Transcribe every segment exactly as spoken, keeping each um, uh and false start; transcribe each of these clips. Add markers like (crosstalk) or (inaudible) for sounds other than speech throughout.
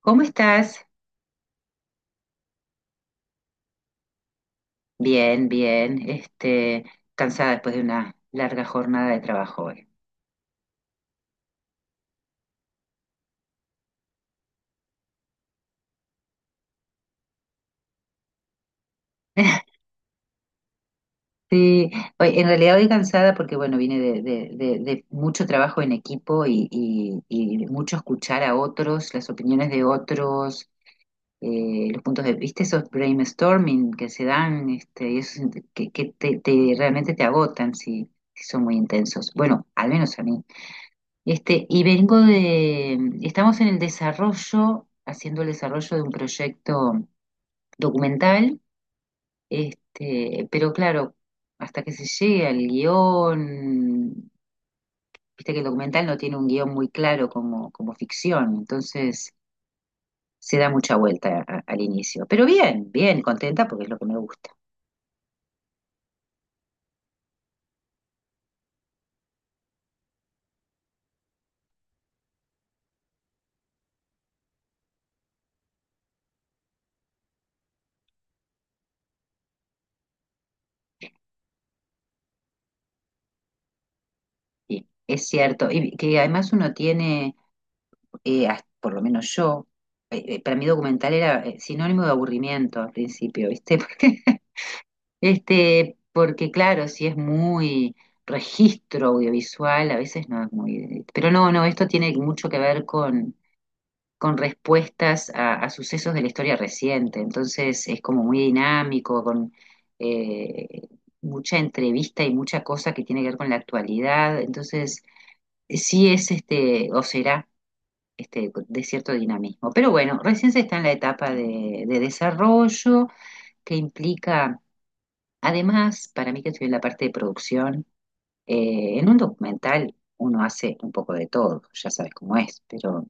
¿Cómo estás? Bien, bien. Este, cansada después de una larga jornada de trabajo hoy. (laughs) Sí, hoy, en realidad hoy cansada porque, bueno, vine de, de- de- de mucho trabajo en equipo y, y- y mucho escuchar a otros, las opiniones de otros, eh, los puntos de vista, esos brainstorming que se dan, este, y esos que, que te, te- realmente te agotan si, si son muy intensos. Bueno, al menos a mí. Este, y vengo de, estamos en el desarrollo, haciendo el desarrollo de un proyecto documental, este, pero claro, hasta que se llegue al guión, viste que el documental no tiene un guión muy claro como, como ficción, entonces se da mucha vuelta a- al inicio. Pero bien, bien, contenta porque es lo que me gusta. Sí, es cierto, y que además uno tiene, eh, hasta- por lo menos yo, eh, eh, para mí documental era eh, sinónimo de aburrimiento al principio, ¿viste? (laughs) Porque este, porque claro, si es muy registro audiovisual, a veces no es muy... Pero no, no, esto tiene mucho que ver con, con respuestas a, a sucesos de la historia reciente. Entonces es como muy dinámico, con eh, mucha entrevista y mucha cosa que tiene que ver con la actualidad. Entonces sí es este, o será este, de cierto dinamismo. Pero bueno, recién se está en la etapa de de desarrollo que implica. Además, para mí que estoy en la parte de producción, eh, en un documental uno hace un poco de todo, ya sabes cómo es, pero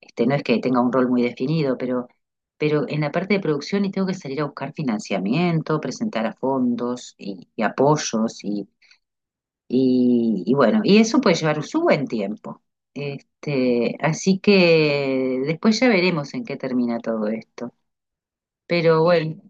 este, no es que tenga un rol muy definido, pero, pero en la parte de producción y tengo que salir a buscar financiamiento, presentar a fondos y, y apoyos y, y, y bueno, y eso puede llevar su buen tiempo. Este, así que después ya veremos en qué termina todo esto. Pero bueno,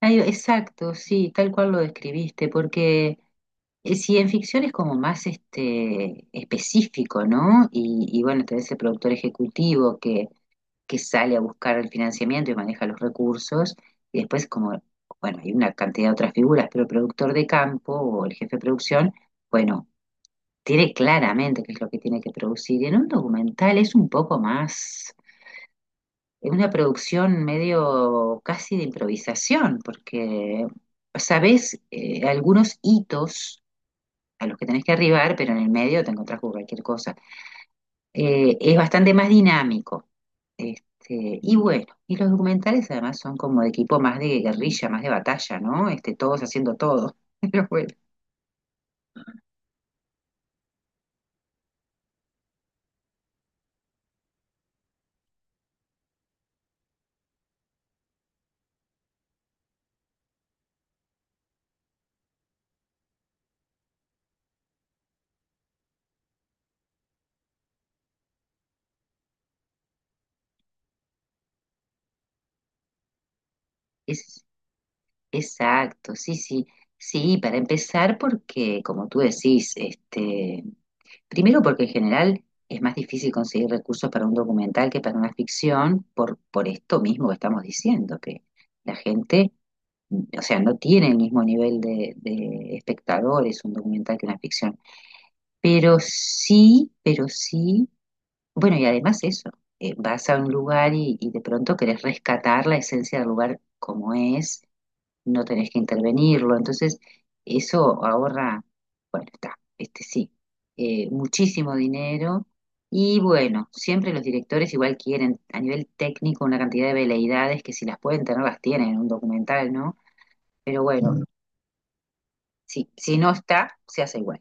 ay, exacto, sí, tal cual lo describiste, porque... Eh, sí, en ficción es como más este específico, ¿no? Y, y bueno, tenés el productor ejecutivo que, que sale a buscar el financiamiento y maneja los recursos, y después como, bueno, hay una cantidad de otras figuras, pero el productor de campo o el jefe de producción, bueno, tiene claramente qué es lo que tiene que producir. Y en un documental es un poco más, es una producción medio casi de improvisación, porque sabés eh, algunos hitos a los que tenés que arribar, pero en el medio te encontrás con cualquier cosa. Eh, es bastante más dinámico. Este, y bueno, y los documentales además son como de equipo más de guerrilla, más de batalla, ¿no? Este, todos haciendo todo. (laughs) Pero bueno, es, exacto, sí, sí. Sí, para empezar, porque como tú decís, este, primero porque en general es más difícil conseguir recursos para un documental que para una ficción, por, por esto mismo que estamos diciendo, que la gente, o sea, no tiene el mismo nivel de, de espectadores un documental que una ficción, pero sí, pero sí, bueno, y además eso, eh, vas a un lugar y, y de pronto querés rescatar la esencia del lugar como es, no tenés que intervenirlo, entonces eso ahorra, bueno, está, este sí, eh, muchísimo dinero. Y bueno, siempre los directores igual quieren a nivel técnico una cantidad de veleidades que si las pueden tener las tienen en un documental, ¿no? Pero bueno, sí, si no está, se hace igual.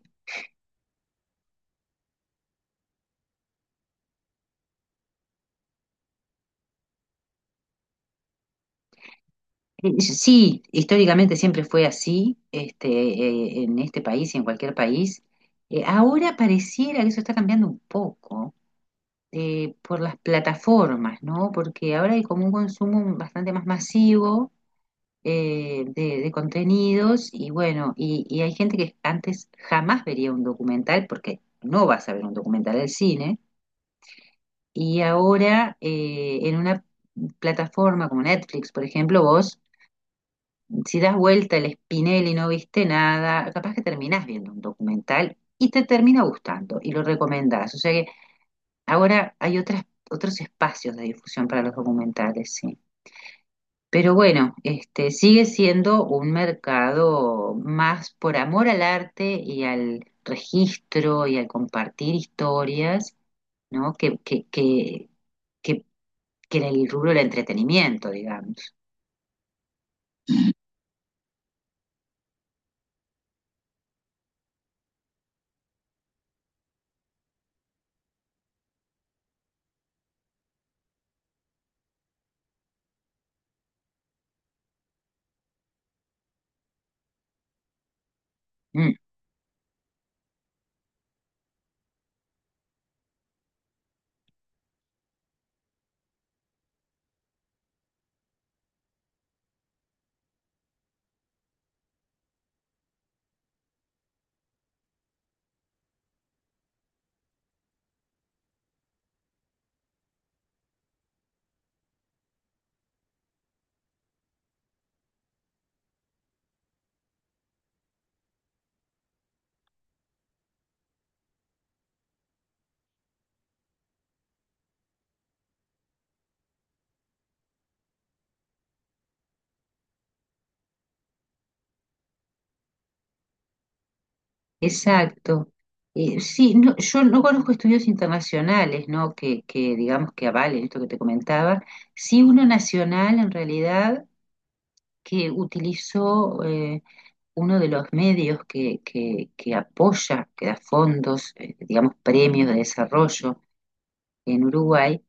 Eh, eh, Sí, históricamente siempre fue así, este, eh, en este país y en cualquier país. Eh, ahora pareciera que eso está cambiando un poco eh, por las plataformas, ¿no? Porque ahora hay como un consumo bastante más masivo eh, de, de contenidos y bueno, y, y hay gente que antes jamás vería un documental porque no vas a ver un documental del cine y ahora eh, en una plataforma como Netflix, por ejemplo, vos si das vuelta el espinel y no viste nada, capaz que terminás viendo un documental y te termina gustando y lo recomendás. O sea que ahora hay otras, otros espacios de difusión para los documentales, sí. Pero bueno, este sigue siendo un mercado más por amor al arte y al registro y al compartir historias, ¿no? Que, que, que, que, que en el rubro del entretenimiento, digamos. Mm. Exacto. Eh, sí, no, yo no conozco estudios internacionales, ¿no? Que, que digamos que avalen esto que te comentaba. Sí, uno nacional en realidad que utilizó eh, uno de los medios que, que, que apoya, que da fondos, eh, digamos, premios de desarrollo en Uruguay,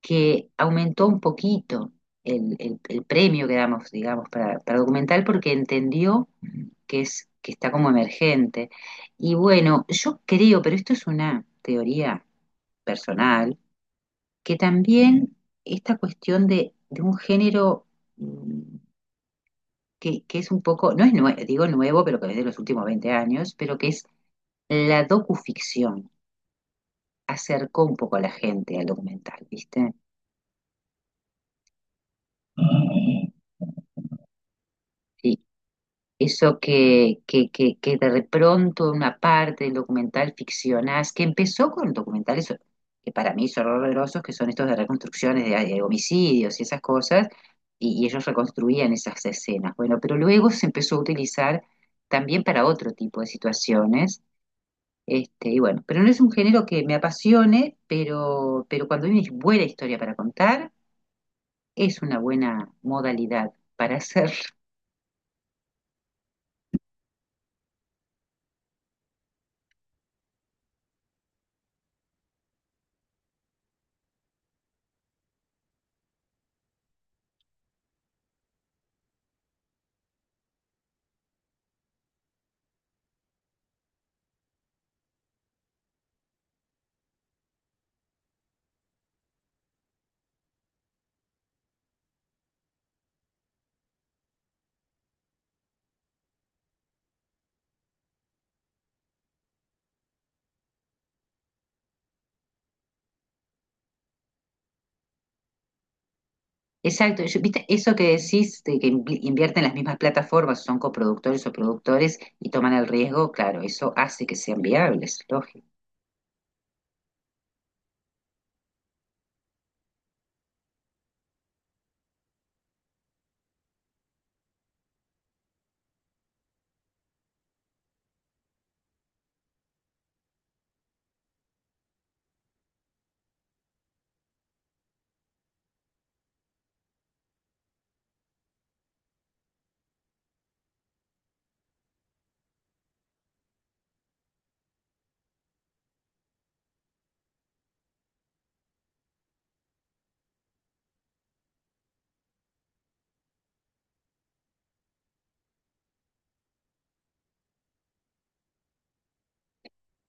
que aumentó un poquito el, el- el premio que damos, digamos, para, para documental porque entendió que es, que está como emergente. Y bueno, yo creo, pero esto es una teoría personal, que también esta cuestión de, de un género, mm, que, que es un poco, no es nue- digo nuevo, pero que es de los últimos veinte años, pero que es la docuficción, acercó un poco a la gente al documental, ¿viste? Sí. Eso que, que, que, que de pronto una parte del documental ficcionás, que empezó con documentales que para mí son horrorosos, que son estos de reconstrucciones de, de homicidios y esas cosas, y, y ellos reconstruían esas escenas. Bueno, pero luego se empezó a utilizar también para otro tipo de situaciones. Este, y bueno, pero no es un género que me apasione, pero, pero cuando hay una buena historia para contar, es una buena modalidad para hacerlo. Exacto, yo- viste, eso que decís de que invi- invierten las mismas plataformas, son coproductores o productores y toman el riesgo, claro, eso hace que sean viables, lógico.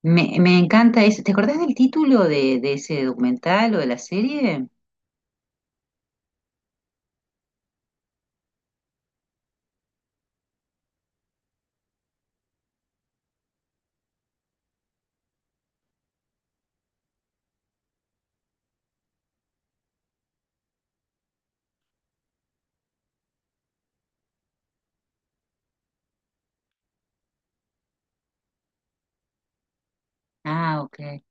Me, me encanta eso. ¿Te acordás del título de, de ese documental o de la serie? Ah, ok.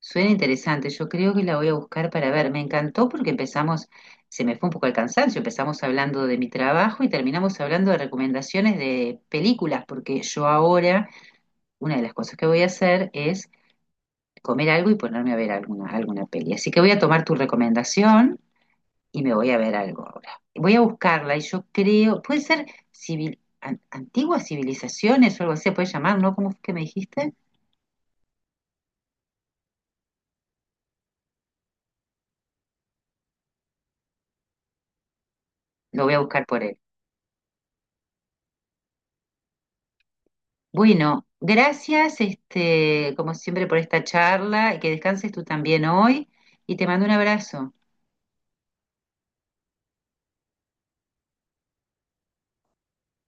Suena interesante. Yo creo que la voy a buscar para ver. Me encantó porque empezamos, se me fue un poco el cansancio, empezamos hablando de mi trabajo y terminamos hablando de recomendaciones de películas, porque yo ahora, una de las cosas que voy a hacer es comer algo y ponerme a ver alguna, alguna peli. Así que voy a tomar tu recomendación y me voy a ver algo ahora. Voy a buscarla y yo creo, puede ser civil, an- antiguas civilizaciones o algo así, se puede llamar, ¿no? ¿Cómo fue que me dijiste? Lo voy a buscar por él. Bueno, gracias, este, como siempre, por esta charla y que descanses tú también hoy y te mando un abrazo.